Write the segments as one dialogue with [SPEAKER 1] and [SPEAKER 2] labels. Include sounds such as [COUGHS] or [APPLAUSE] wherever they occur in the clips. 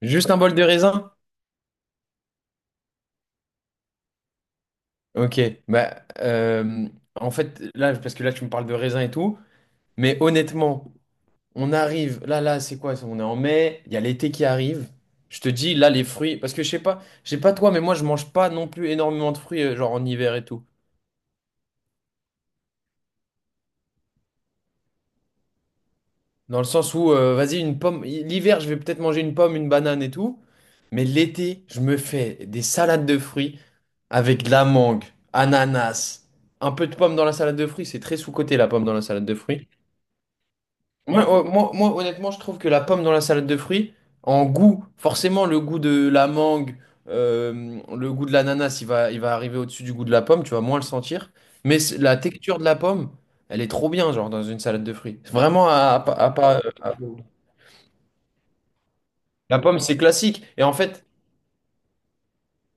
[SPEAKER 1] Juste un bol de raisin? Ok. Bah, en fait, là, parce que là, tu me parles de raisin et tout, mais honnêtement, on arrive. Là, là, c'est quoi ça? On est en mai, il y a l'été qui arrive. Je te dis, là, les fruits. Parce que je sais pas toi, mais moi, je mange pas non plus énormément de fruits, genre en hiver et tout. Dans le sens où, vas-y, une pomme. L'hiver, je vais peut-être manger une pomme, une banane et tout. Mais l'été, je me fais des salades de fruits avec de la mangue, ananas, un peu de pomme dans la salade de fruits. C'est très sous-coté, la pomme dans la salade de fruits. Moi, moi, moi, honnêtement, je trouve que la pomme dans la salade de fruits, en goût, forcément, le goût de la mangue, le goût de l'ananas, il va arriver au-dessus du goût de la pomme, tu vas moins le sentir. Mais la texture de la pomme, elle est trop bien, genre, dans une salade de fruits. C'est Vraiment, à pas- à pas- à- La pomme, c'est classique. Et en fait,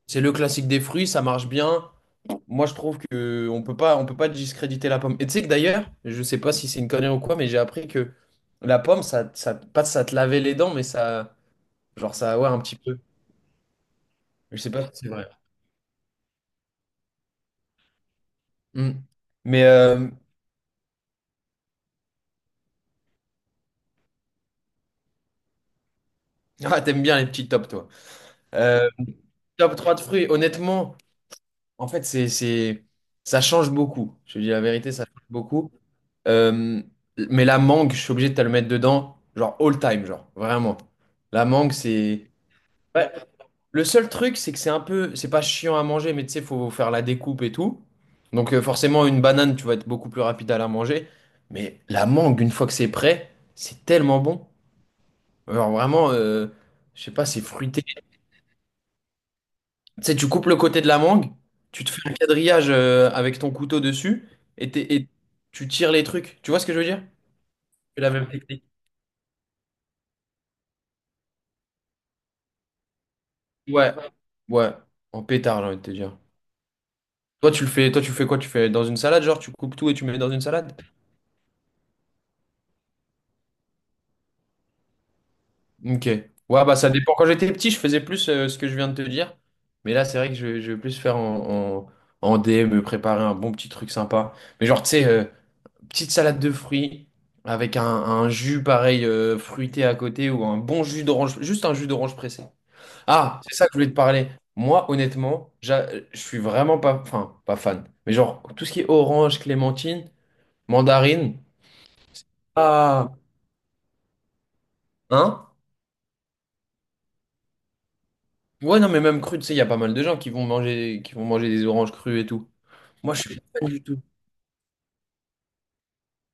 [SPEAKER 1] c'est le classique des fruits, ça marche bien. Moi, je trouve que on peut pas discréditer la pomme. Et tu sais que d'ailleurs, je sais pas si c'est une connerie ou quoi, mais j'ai appris que la pomme, ça, pas ça te lavait les dents, mais ça. Genre ça, ouais, un petit peu. Je sais pas si c'est vrai. Hmm. Mais [LAUGHS] ah, t'aimes bien les petits tops, toi. Euh, top 3 de fruits, honnêtement, en fait, ça change beaucoup. Je te dis la vérité, ça change beaucoup. Euh, mais la mangue, je suis obligé de te le mettre dedans, genre all time, genre, vraiment. La mangue, c'est. Ouais. Le seul truc, c'est que c'est un peu. C'est pas chiant à manger, mais tu sais, faut faire la découpe et tout. Donc, forcément, une banane, tu vas être beaucoup plus rapide à la manger. Mais la mangue, une fois que c'est prêt, c'est tellement bon. Alors vraiment, je sais pas, c'est fruité. Tu sais, tu coupes le côté de la mangue, tu te fais un quadrillage avec ton couteau dessus et, tu tires les trucs. Tu vois ce que je veux dire? C'est la même technique. Ouais, ouais, en pétard, j'ai envie de te dire. Toi, tu le fais, toi, tu fais quoi? Tu fais dans une salade, genre, tu coupes tout et tu mets dans une salade? Ok. Ouais, bah ça dépend. Quand j'étais petit, je faisais plus ce que je viens de te dire. Mais là, c'est vrai que je vais plus faire en, DM, me préparer un bon petit truc sympa. Mais genre, tu sais, petite salade de fruits avec un jus pareil fruité à côté ou un bon jus d'orange, juste un jus d'orange pressé. Ah, c'est ça que je voulais te parler. Moi, honnêtement, je suis vraiment pas, enfin, pas fan. Mais genre, tout ce qui est orange, clémentine, mandarine, ah, hein? Ouais, non, mais même cru, tu sais, il y a pas mal de gens qui vont manger des oranges crues et tout. Moi, je suis pas fan du tout.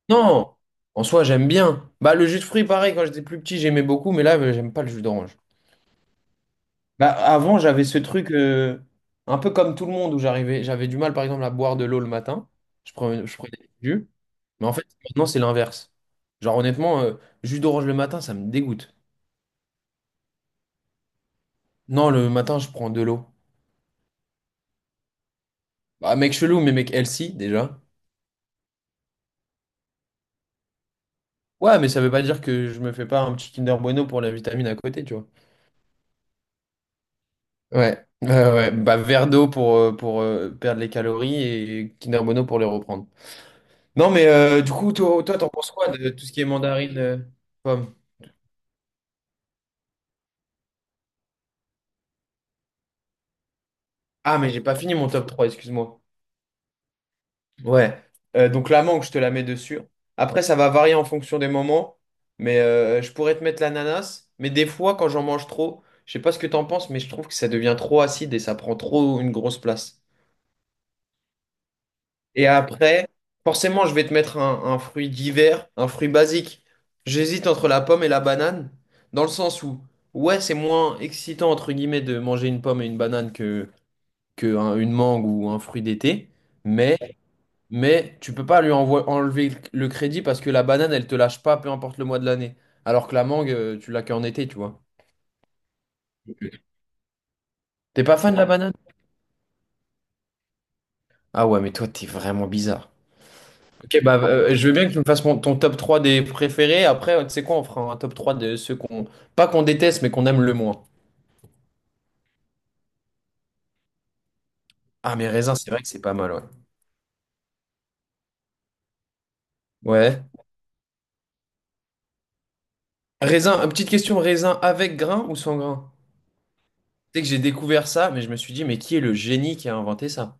[SPEAKER 1] Non, en soi, j'aime bien. Bah, le jus de fruits, pareil, quand j'étais plus petit, j'aimais beaucoup, mais là, j'aime pas le jus d'orange. Bah, avant, j'avais ce truc un peu comme tout le monde où j'arrivais, j'avais du mal par exemple à boire de l'eau le matin. Je prenais du jus. Mais en fait, maintenant, c'est l'inverse. Genre, honnêtement, jus d'orange le matin, ça me dégoûte. Non, le matin, je prends de l'eau. Bah, mec chelou, mais mec healthy déjà. Ouais, mais ça veut pas dire que je me fais pas un petit Kinder Bueno pour la vitamine à côté, tu vois. Ouais, ouais, ouais. Bah, verre d'eau pour perdre les calories et Kinder Bueno pour les reprendre. Non, mais du coup, toi, toi, t'en penses quoi de tout ce qui est mandarine, pomme. Ah, mais j'ai pas fini mon top 3, excuse-moi. Ouais. Donc la mangue, je te la mets dessus. Après, ça va varier en fonction des moments. Mais je pourrais te mettre l'ananas. Mais des fois, quand j'en mange trop, je sais pas ce que t'en penses, mais je trouve que ça devient trop acide et ça prend trop une grosse place. Et après, forcément, je vais te mettre un fruit d'hiver, un fruit basique. J'hésite entre la pomme et la banane, dans le sens où, ouais, c'est moins excitant, entre guillemets, de manger une pomme et une banane que, que une mangue ou un fruit d'été. Mais Mais tu peux pas lui enlever le crédit parce que la banane, elle te lâche pas, peu importe le mois de l'année. Alors que la mangue, tu l'as qu'en été, tu vois. T'es pas fan de la banane? Ah ouais, mais toi, t'es vraiment bizarre. Ok, bah je veux bien que tu me fasses ton top 3 des préférés. Après, tu sais quoi, on fera un top 3 de ceux qu'on... Pas qu'on déteste, mais qu'on aime le moins. Ah, mais raisin, c'est vrai que c'est pas mal, ouais. Ouais. Raisin, petite question, raisin avec grain ou sans grain? Tu sais que j'ai découvert ça, mais je me suis dit, mais qui est le génie qui a inventé ça?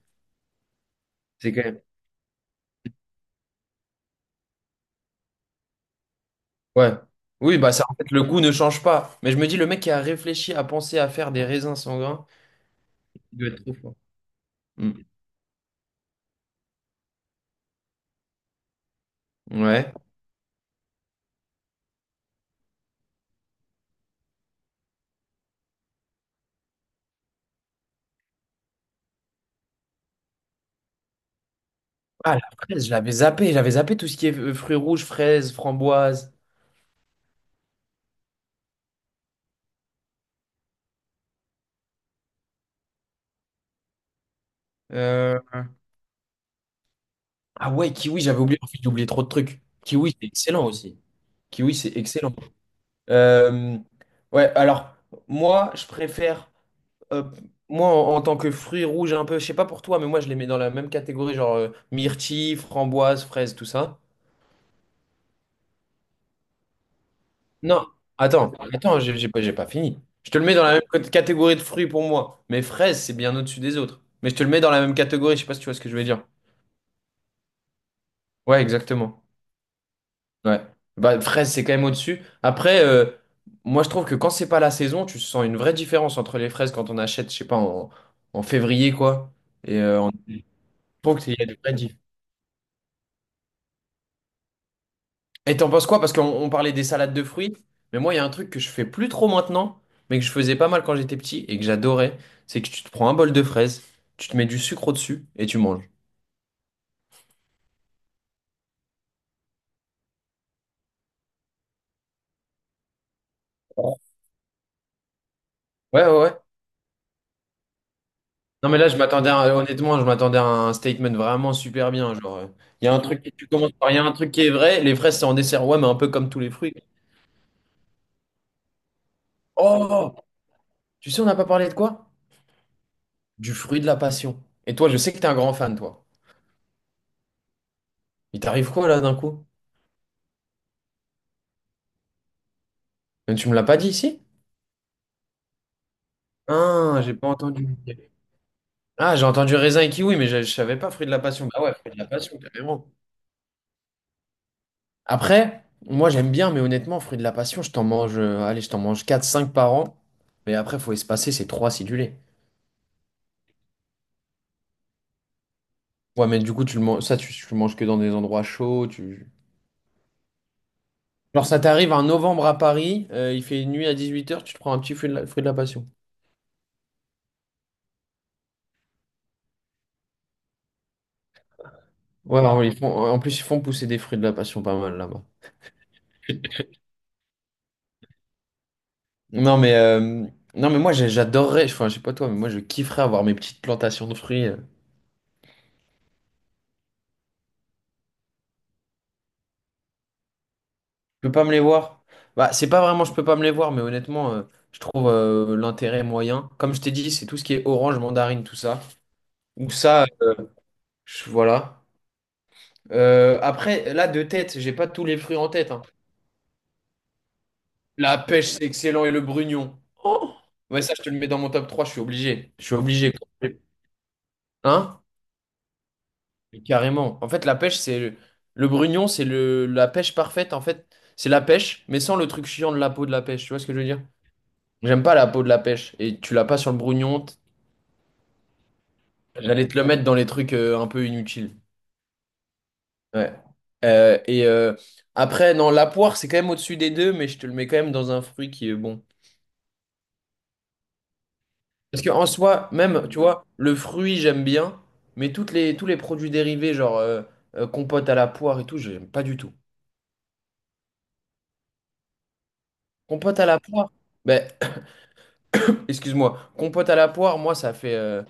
[SPEAKER 1] C'est quand même. Ouais. Oui, bah ça, en fait, le goût ne change pas. Mais je me dis, le mec qui a réfléchi à penser à faire des raisins sans sanguins, il doit être trop fort. Mm. Ouais. Ah, la fraise, je l'avais zappé. J'avais zappé tout ce qui est fruits rouges, fraises, framboises. Euh, Ah ouais, kiwi, j'avais oublié. En fait, j'ai oublié trop de trucs. Kiwi, c'est excellent aussi. Kiwi, c'est excellent. Euh, Ouais, alors, moi, je préfère... euh, moi, en tant que fruits rouges, un peu, je sais pas pour toi, mais moi, je les mets dans la même catégorie, genre myrtille, framboise, fraise, tout ça. Non, attends, attends, j'ai pas fini. Je te le mets dans la même catégorie de fruits pour moi. Mais fraises, c'est bien au-dessus des autres. Mais je te le mets dans la même catégorie, je sais pas si tu vois ce que je veux dire. Ouais, exactement. Ouais. Bah, fraise, c'est quand même au-dessus. Après, moi, je trouve que quand c'est pas la saison, tu sens une vraie différence entre les fraises quand on achète, je sais pas, en février, quoi. Et je trouve qu'il y a des vraies différences. Et t'en penses quoi? Parce qu'on parlait des salades de fruits, mais moi, il y a un truc que je fais plus trop maintenant, mais que je faisais pas mal quand j'étais petit et que j'adorais, c'est que tu te prends un bol de fraises, tu te mets du sucre au-dessus et tu manges. Ouais, ouais, ouais. Non, mais là, honnêtement, je m'attendais à un statement vraiment super bien. Genre, il y a un truc, tu commences par, il y a un truc qui est vrai, les fraises, c'est en dessert, ouais, mais un peu comme tous les fruits. Oh! Tu sais, on n'a pas parlé de quoi? Du fruit de la passion. Et toi, je sais que t'es un grand fan, toi. Il t'arrive quoi, là, d'un coup? Mais tu me l'as pas dit ici? Ah, j'ai pas entendu. Ah, j'ai entendu raisin et kiwi, mais je savais pas fruit de la passion. Bah ouais, fruit de la passion, carrément. Après, moi j'aime bien, mais honnêtement, fruit de la passion, je t'en mange, allez, je t'en mange quatre cinq par an. Mais après, faut espacer, c'est 3 acidulés. Ouais, mais du coup, tu le manges, ça, tu le manges que dans des endroits chauds. Genre, ça t'arrive en novembre à Paris, il fait nuit à 18 h, tu te prends un petit fruit de la passion. Ouais, alors, ils font, en plus, ils font pousser des fruits de la passion pas mal là-bas. Non, mais, non, mais moi, j'ai- j'adorerais, enfin, je sais pas toi, mais moi, je kifferais avoir mes petites plantations de fruits. Je peux pas me les voir. Bah, c'est pas vraiment je peux pas me les voir, mais honnêtement, je trouve l'intérêt moyen. Comme je t'ai dit, c'est tout ce qui est orange, mandarine, tout ça. Ou ça, voilà. Après, là, de tête, j'ai pas tous les fruits en tête, hein. La pêche, c'est excellent, et le brugnon. Oh! Ouais, ça, je te le mets dans mon top trois, je suis obligé. Je suis obligé. Hein? Mais carrément. En fait, la pêche, c'est. Le brugnon, c'est la pêche parfaite, en fait. C'est la pêche, mais sans le truc chiant de la peau de la pêche. Tu vois ce que je veux dire? J'aime pas la peau de la pêche. Et tu l'as pas sur le brugnon. J'allais te le mettre dans les trucs un peu inutiles. Ouais. Et après, non, la poire, c'est quand même au-dessus des deux, mais je te le mets quand même dans un fruit qui est bon. Parce qu'en soi, même, tu vois, le fruit, j'aime bien, mais tous les produits dérivés, genre compote à la poire et tout, j'aime pas du tout. Compote à la poire? Ben, [COUGHS] [CLEARS THROAT] excuse-moi, compote à la poire, moi, ça fait.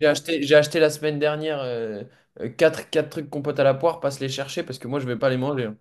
[SPEAKER 1] J'ai acheté la semaine dernière euh, quatre trucs compote à la poire, passe les chercher parce que moi, je vais pas les manger, hein.